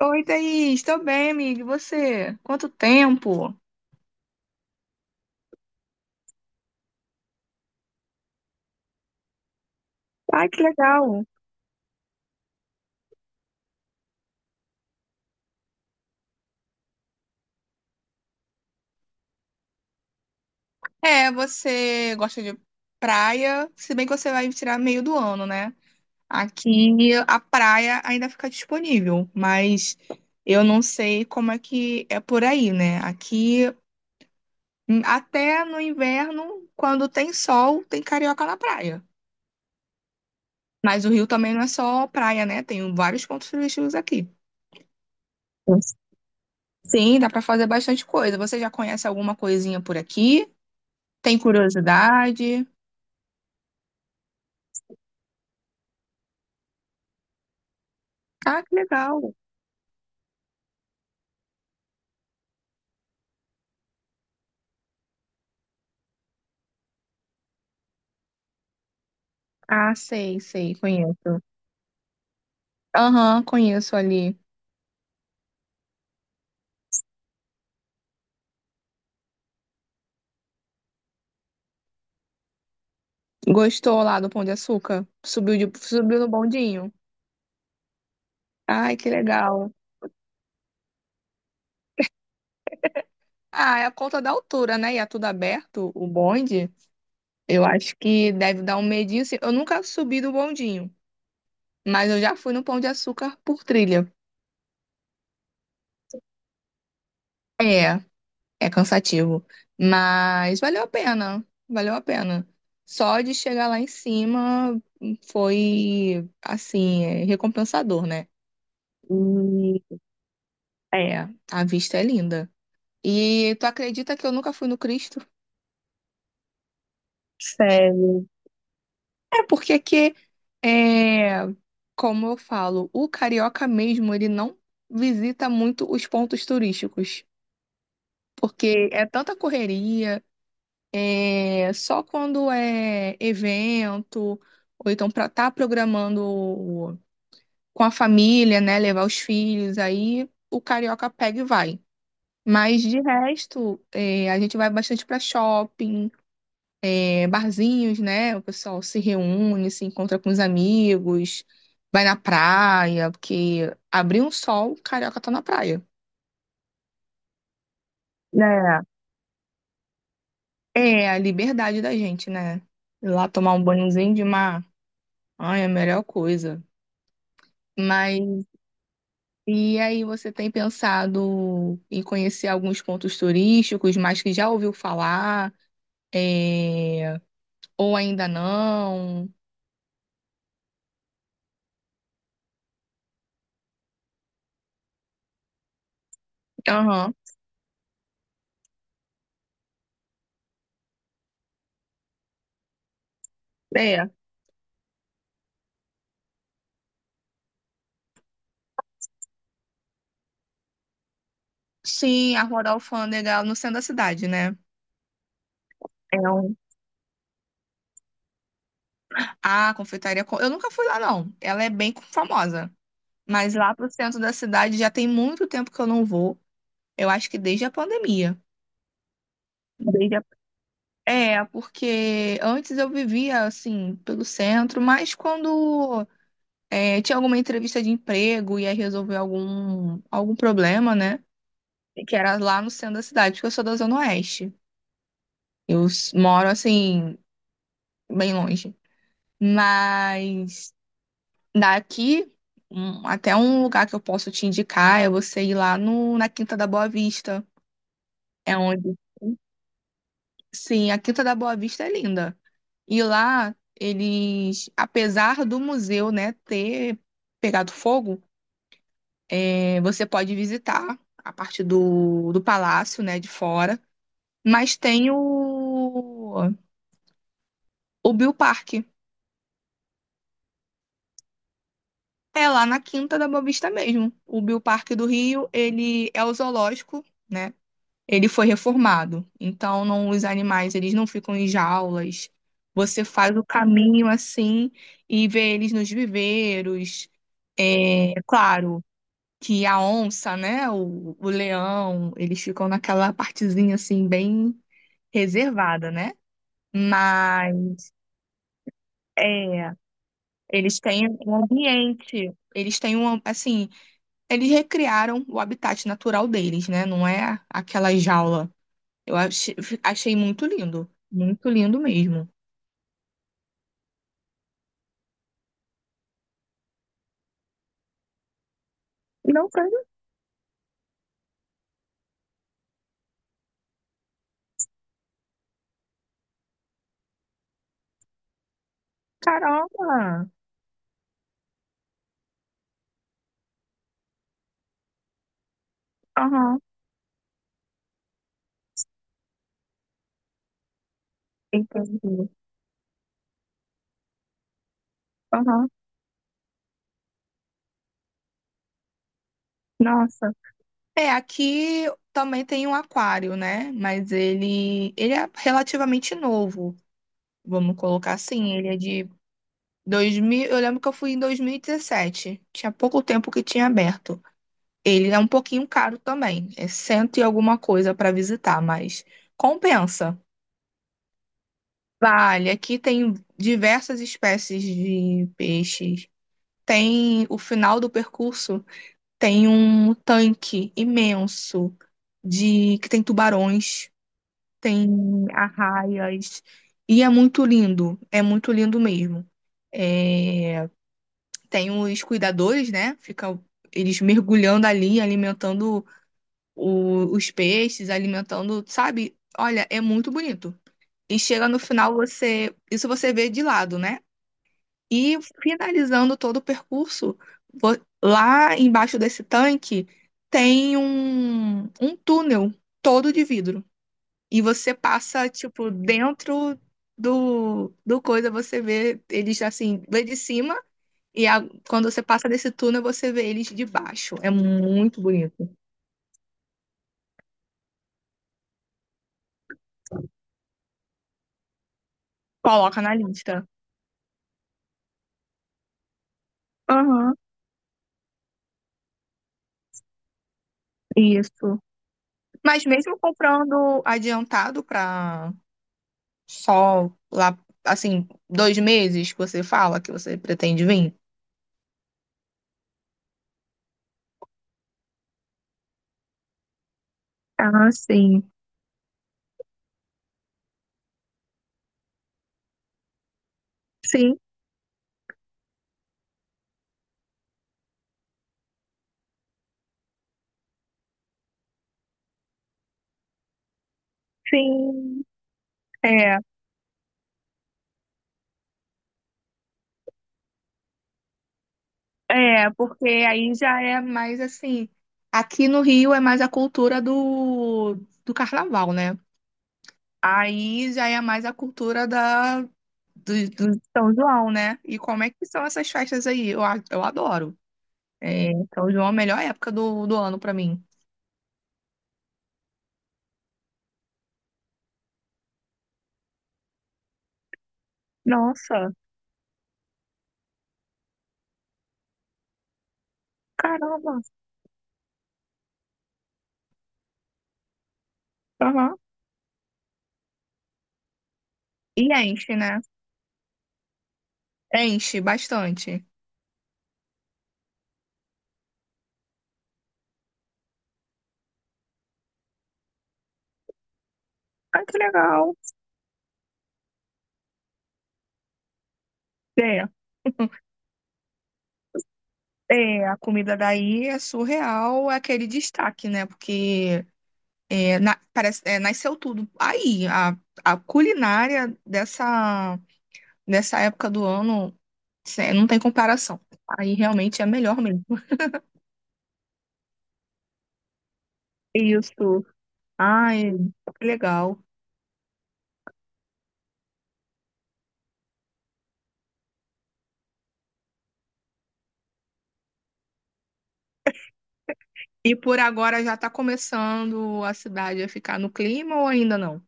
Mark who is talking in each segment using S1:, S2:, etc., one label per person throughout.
S1: Oi, Thaís, estou bem, amiga. E você? Quanto tempo? Ai, que legal. É, você gosta de praia, se bem que você vai tirar meio do ano, né? Aqui a praia ainda fica disponível, mas eu não sei como é que é por aí, né? Aqui, até no inverno, quando tem sol, tem carioca na praia. Mas o Rio também não é só praia, né? Tem vários pontos turísticos aqui. Sim, dá para fazer bastante coisa. Você já conhece alguma coisinha por aqui? Tem curiosidade? Ah, que legal. Ah, sei, sei, conheço. Aham, conheço ali. Gostou lá do Pão de Açúcar? Subiu no bondinho? Ai, que legal. Ah, é a conta da altura, né? E é tudo aberto, o bonde. Eu acho que deve dar um medinho. Assim. Eu nunca subi no bondinho, mas eu já fui no Pão de Açúcar por trilha. É. É cansativo, mas valeu a pena, valeu a pena. Só de chegar lá em cima foi, assim, recompensador, né? E é, a vista é linda. E tu acredita que eu nunca fui no Cristo? Sério. É porque que, é, Como eu falo, o carioca mesmo, ele não visita muito os pontos turísticos, porque é tanta correria. É, só quando é evento, ou então para estar programando com a família, né? Levar os filhos, aí o carioca pega e vai. Mas de resto, é, a gente vai bastante para shopping, é, barzinhos, né? O pessoal se reúne, se encontra com os amigos, vai na praia, porque abrir um sol, o carioca tá na praia. É, é a liberdade da gente, né? Ir lá tomar um banhozinho de mar. Ai, é a melhor coisa. Mas e aí você tem pensado em conhecer alguns pontos turísticos, mas que já ouviu falar, é, ou ainda não? Aham, é. Sim, a Rua da Alfândega, no centro da cidade, né? É um... A confeitaria... Co- Eu nunca fui lá, não. Ela é bem famosa. Mas lá pro centro da cidade já tem muito tempo que eu não vou. Eu acho que desde a pandemia. Desde a- É, porque antes eu vivia, assim, pelo centro, mas quando é, tinha alguma entrevista de emprego, ia resolver algum problema, né? Que era lá no centro da cidade, porque eu sou da Zona Oeste. Eu s- moro, assim, bem longe. Mas daqui, um- até um lugar que eu posso te indicar é você ir lá no, na Quinta da Boa Vista. É onde, sim, a Quinta da Boa Vista é linda. E lá, eles, apesar do museu, né, ter pegado fogo, é, você pode visitar a parte do palácio, né, de fora, mas tem o Bill Park. É lá na Quinta da Boa Vista mesmo. O Bill Park do Rio, ele é o zoológico, né? Ele foi reformado. Então, não, os animais, eles não ficam em jaulas. Você faz o caminho assim e vê eles nos viveiros. É claro que a onça, né? O leão, eles ficam naquela partezinha assim, bem reservada, né? Mas é, eles têm um ambiente, eles têm um, assim, eles recriaram o habitat natural deles, né? Não é aquela jaula. Eu achei, achei muito lindo mesmo. Não sei, caramba. Aham, entendi. Aham, nossa. É, aqui também tem um aquário, né? Mas ele é relativamente novo, vamos colocar assim. Ele é de 2000, eu lembro que eu fui em 2017. Tinha pouco tempo que tinha aberto. Ele é um pouquinho caro também. É cento e alguma coisa para visitar, mas compensa. Vale, aqui tem diversas espécies de peixes. Tem o final do percurso, tem um tanque imenso de que tem tubarões, tem arraias e é muito lindo mesmo. É, tem os cuidadores, né? Fica eles mergulhando ali, alimentando o- os peixes, alimentando, sabe? Olha, é muito bonito. E chega no final, você, isso você vê de lado, né? E finalizando todo o percurso, vo- lá embaixo desse tanque tem um, um túnel todo de vidro. E você passa, tipo, dentro do coisa, você vê eles assim, vê de cima. E a- quando você passa desse túnel, você vê eles de baixo. É muito bonito. Coloca na lista. Aham, isso. Mas mesmo comprando adiantado para só lá, assim, dois meses que você fala que você pretende vir? Ah, sim. Sim, sim. É, Porque aí já é mais assim. Aqui no Rio é mais a cultura do carnaval, né? Aí já é mais a cultura do São João, né? E como é que são essas festas aí? Eu adoro. É, São João é a melhor época do ano pra mim. Nossa, caramba. Aham. E enche, né? Enche bastante. Ai, que legal. É, a comida daí é surreal, é aquele destaque, né? Porque é, na- parece, é, nasceu tudo. A culinária dessa. Nessa época do ano, cê- não tem comparação. Aí realmente é melhor mesmo. Isso. Ai, que legal. E por agora já está começando a cidade a ficar no clima ou ainda não?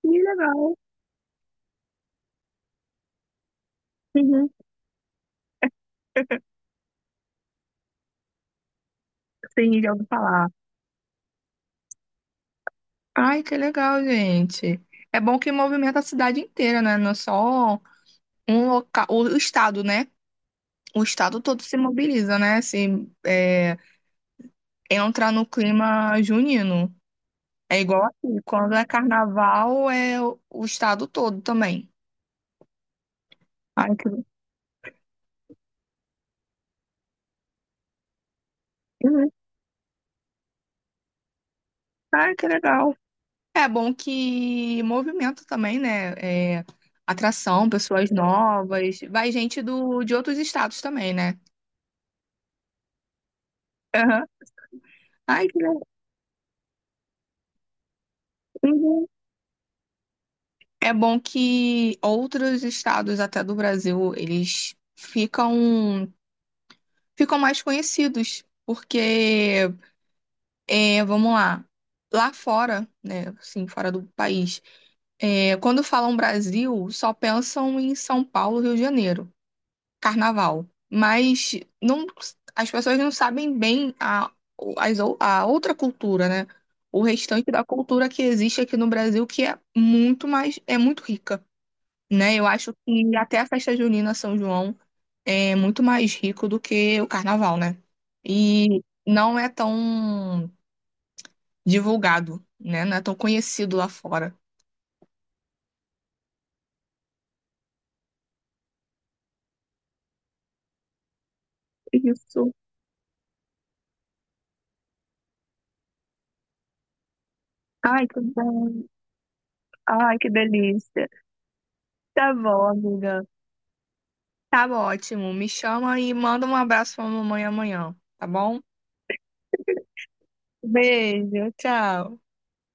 S1: Que legal. Uhum. Sim, já ouvi falar. Ai, que legal, gente. É bom que movimenta a cidade inteira, né? Não é só um local, o estado, né? O estado todo se mobiliza, né? Se é, entra no clima junino. É igual aqui, quando é carnaval é o estado todo também. Ai, que, Uhum. Ai, que legal. É bom que movimento também, né? É, atração, pessoas novas. Vai gente do, de outros estados também, né? Aham. Ai, que legal. Uhum. É bom que outros estados, até do Brasil, eles ficam, ficam mais conhecidos, porque é, vamos lá. Lá fora, né? Assim, fora do país, é, quando falam Brasil, só pensam em São Paulo, Rio de Janeiro, Carnaval. Mas não, as pessoas não sabem bem a, as ou- a outra cultura, né? O restante da cultura que existe aqui no Brasil, que é muito mais, é muito rica, né? Eu acho que até a festa junina São João é muito mais rico do que o Carnaval, né? E não é tão divulgado, né? Não é tão conhecido lá fora. Isso. Ai, que bom. Ai, que delícia. Tá bom, amiga. Tá bom, ótimo. Me chama e manda um abraço pra mamãe amanhã, tá bom? Beijo, tchau.